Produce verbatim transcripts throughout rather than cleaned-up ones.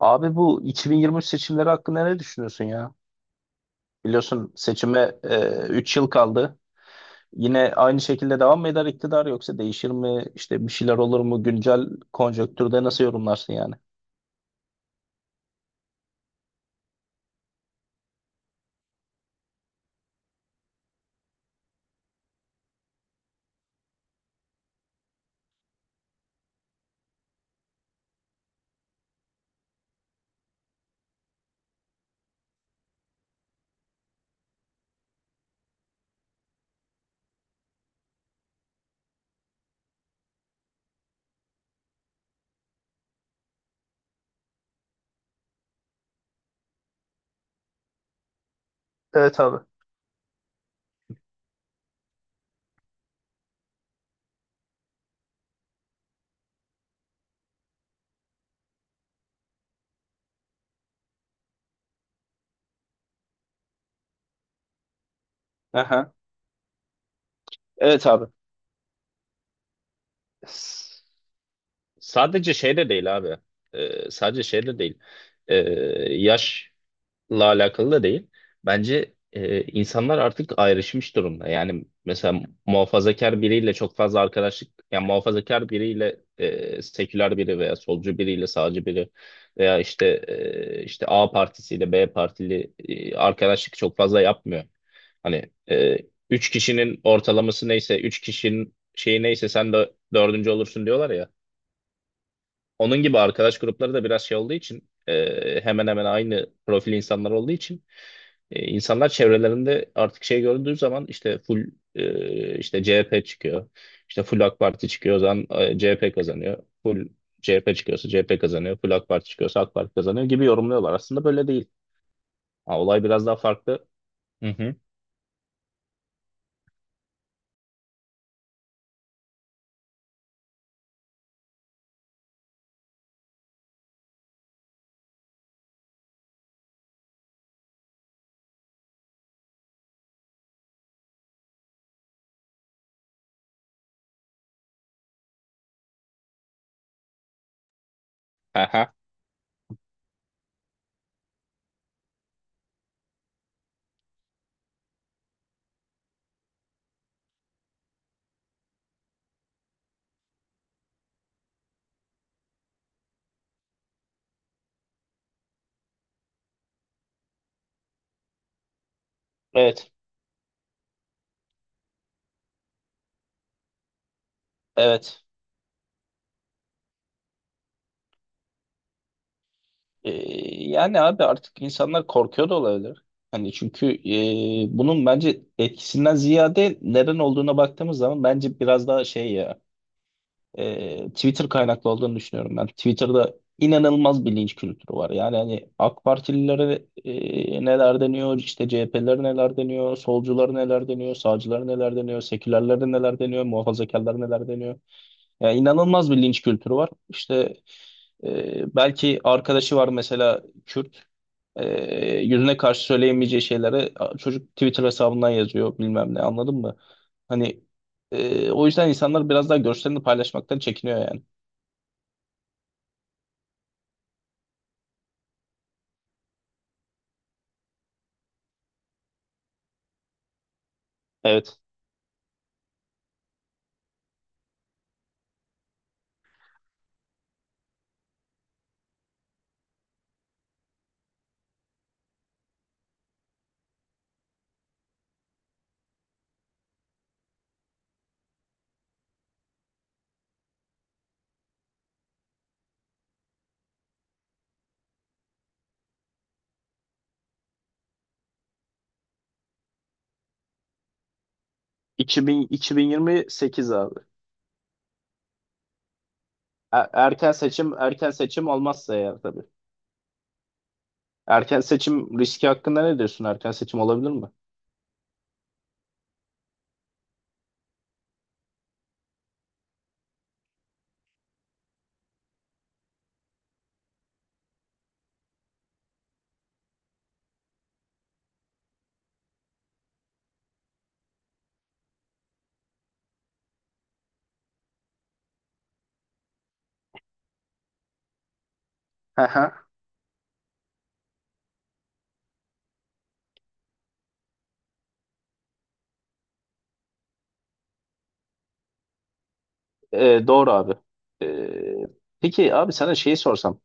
Abi bu iki bin yirmi üç seçimleri hakkında ne düşünüyorsun ya? Biliyorsun seçime e, üç yıl kaldı. Yine aynı şekilde devam mı eder iktidar yoksa değişir mi? İşte bir şeyler olur mu? Güncel konjonktürde nasıl yorumlarsın yani? Evet abi. Aha. Evet abi. S- Sadece şey de değil abi. Ee, sadece şey de değil. Ee, Yaş alakalı da değil. Bence e, insanlar artık ayrışmış durumda. Yani mesela muhafazakar biriyle çok fazla arkadaşlık, yani muhafazakar biriyle e, seküler biri veya solcu biriyle sağcı biri veya işte e, işte A partisiyle B partili e, arkadaşlık çok fazla yapmıyor. Hani e, üç kişinin ortalaması neyse, üç kişinin şeyi neyse sen de dördüncü olursun diyorlar ya. Onun gibi arkadaş grupları da biraz şey olduğu için e, hemen hemen aynı profil insanlar olduğu için e, insanlar çevrelerinde artık şey gördüğü zaman işte full e, işte C H P çıkıyor. İşte full AK Parti çıkıyor o zaman e, C H P kazanıyor. Full C H P çıkıyorsa C H P kazanıyor. Full AK Parti çıkıyorsa AK Parti kazanıyor gibi yorumluyorlar. Aslında böyle değil. Ha, olay biraz daha farklı. Hı hı. Aha. Evet. Evet. Ee, Yani abi artık insanlar korkuyor da olabilir. Hani çünkü e, bunun bence etkisinden ziyade neden olduğuna baktığımız zaman bence biraz daha şey ya e, Twitter kaynaklı olduğunu düşünüyorum ben. Twitter'da inanılmaz bir linç kültürü var. Yani hani AK Partililere e, neler deniyor, işte C H P'lere neler deniyor, solculara neler deniyor, sağcılara neler deniyor, sekülerlere neler deniyor, muhafazakarlara neler deniyor. Yani inanılmaz bir linç kültürü var. İşte e, belki arkadaşı var mesela Kürt. E, Yüzüne karşı söyleyemeyeceği şeyleri a- çocuk Twitter hesabından yazıyor bilmem ne anladın mı? Hani e, o yüzden insanlar biraz daha görüşlerini paylaşmaktan çekiniyor yani. Evet. iki bin yirmi iki bin yirmi sekiz abi. E- Erken seçim erken seçim olmazsa eğer tabii. Erken seçim riski hakkında ne diyorsun? Erken seçim olabilir mi? Hı hı. E, doğru abi. E, Peki abi sana şeyi sorsam.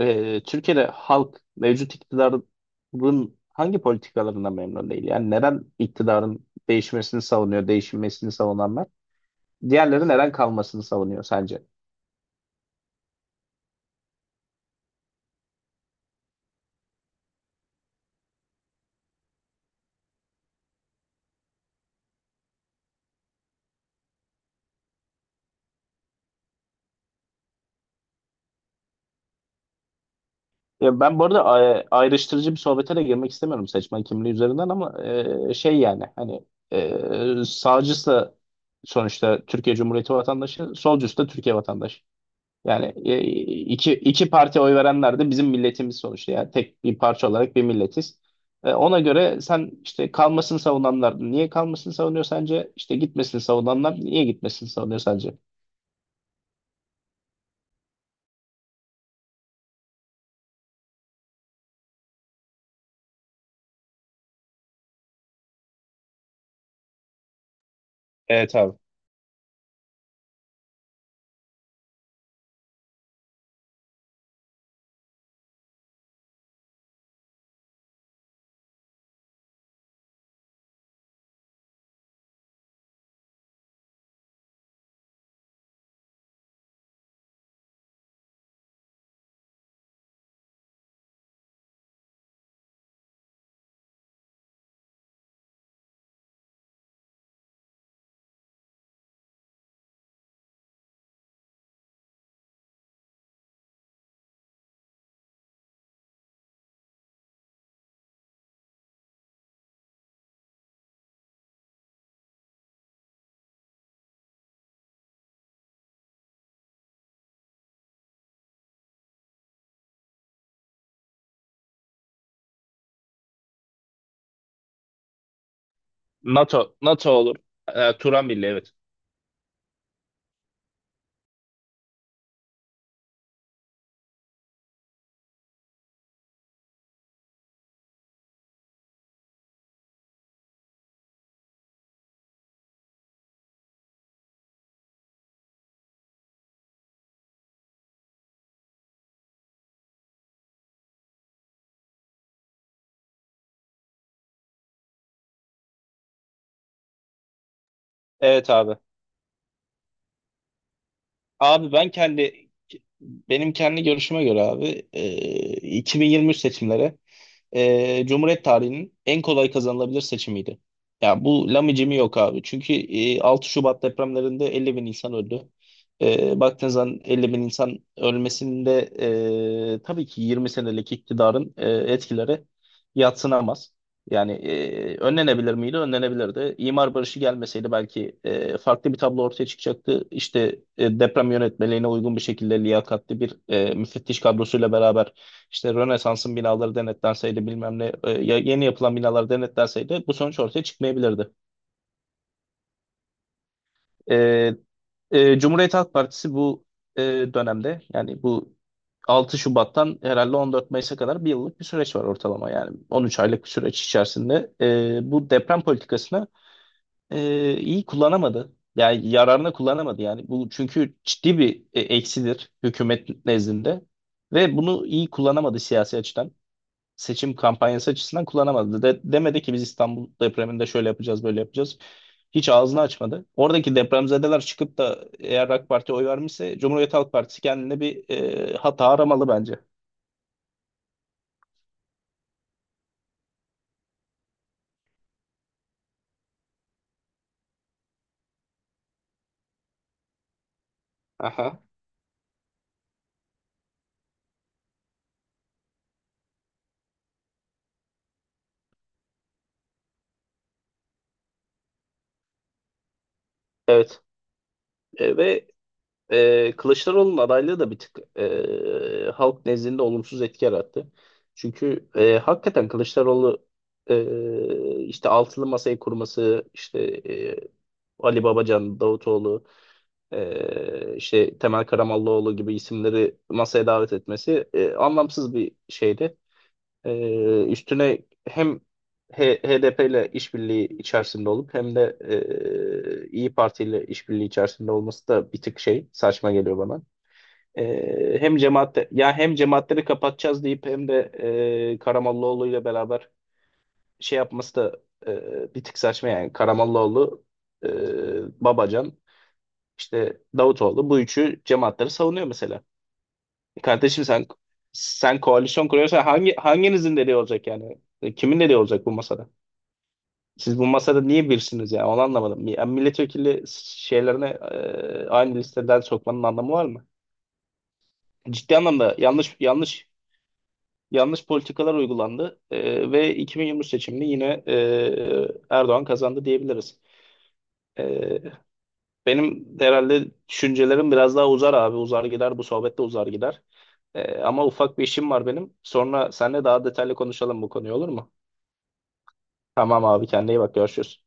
e, Türkiye'de halk mevcut iktidarın hangi politikalarından memnun değil? Yani neden iktidarın değişmesini savunuyor, değişmesini savunanlar? Diğerleri neden kalmasını savunuyor sence? Ya ben bu arada ay- ayrıştırıcı bir sohbete de girmek istemiyorum seçmen kimliği üzerinden ama e, şey yani hani e, sağcısı da sonuçta Türkiye Cumhuriyeti vatandaşı, solcusu da Türkiye vatandaşı. Yani e, iki, iki parti oy verenler de bizim milletimiz sonuçta. Yani tek bir parça olarak bir milletiz. E, ona göre sen işte kalmasını savunanlar niye kalmasını savunuyor sence? İşte gitmesini savunanlar niye gitmesini savunuyor sence? Evet abi. NATO, NATO olur. E, Turan Birliği evet. Evet abi. Abi ben kendi Benim kendi görüşüme göre abi, e, iki bin yirmi üç seçimleri e, Cumhuriyet tarihinin en kolay kazanılabilir seçimiydi. Ya bu lamicimi yok abi. Çünkü e, altı Şubat depremlerinde elli bin insan öldü. E, baktığın zaman elli bin insan ölmesinde e, tabii ki yirmi senelik iktidarın e, etkileri yadsınamaz. Yani e, önlenebilir miydi? Önlenebilirdi. İmar barışı gelmeseydi belki e, farklı bir tablo ortaya çıkacaktı. İşte e, deprem yönetmeliğine uygun bir şekilde liyakatli bir e, müfettiş kadrosuyla beraber işte Rönesans'ın binaları denetlenseydi bilmem ne e, ya- yeni yapılan binalar denetlenseydi bu sonuç ortaya çıkmayabilirdi. E, e, Cumhuriyet Halk Partisi bu e, dönemde, yani bu altı Şubat'tan herhalde on dört Mayıs'a kadar bir yıllık bir süreç var, ortalama yani on üç aylık bir süreç içerisinde e, bu deprem politikasını e, iyi kullanamadı. Yani yararına kullanamadı, yani bu çünkü ciddi bir e, eksidir hükümet nezdinde ve bunu iyi kullanamadı siyasi açıdan. Seçim kampanyası açısından kullanamadı. De, demedi ki biz İstanbul depreminde şöyle yapacağız, böyle yapacağız. Hiç ağzını açmadı. Oradaki depremzedeler çıkıp da eğer AK Parti'ye oy vermişse, Cumhuriyet Halk Partisi kendine bir e, hata aramalı bence. Aha, evet. E, ve e, Kılıçdaroğlu'nun adaylığı da bir tık e, halk nezdinde olumsuz etki yarattı. Çünkü e, hakikaten Kılıçdaroğlu e, işte altılı masayı kurması, işte e, Ali Babacan, Davutoğlu, e, işte Temel Karamollaoğlu gibi isimleri masaya davet etmesi e, anlamsız bir şeydi. E, Üstüne hem H- HDP ile işbirliği içerisinde olup hem de e, İyi Parti ile işbirliği içerisinde olması da bir tık şey, saçma geliyor bana. E, hem cemaat ya hem cemaatleri kapatacağız deyip hem de e, Karamollaoğlu ile beraber şey yapması da e, bir tık saçma yani. Karamollaoğlu, e, Babacan, işte Davutoğlu, bu üçü cemaatleri savunuyor mesela. E kardeşim, sen sen koalisyon kuruyorsan hangi hanginizin dediği olacak yani? E kimin dediği olacak bu masada? Siz bu masada niye birsiniz yani? Onu anlamadım. Ya milletvekili şeylerine e, aynı listeden sokmanın anlamı var mı? Ciddi anlamda yanlış yanlış yanlış politikalar uygulandı. E, ve iki bin yirmi üç seçimini yine e, Erdoğan kazandı diyebiliriz. E, Benim herhalde düşüncelerim biraz daha uzar abi. Uzar gider bu sohbette, uzar gider. Ee, ama ufak bir işim var benim. Sonra seninle daha detaylı konuşalım bu konuyu, olur mu? Tamam abi, kendine iyi bak, görüşürüz.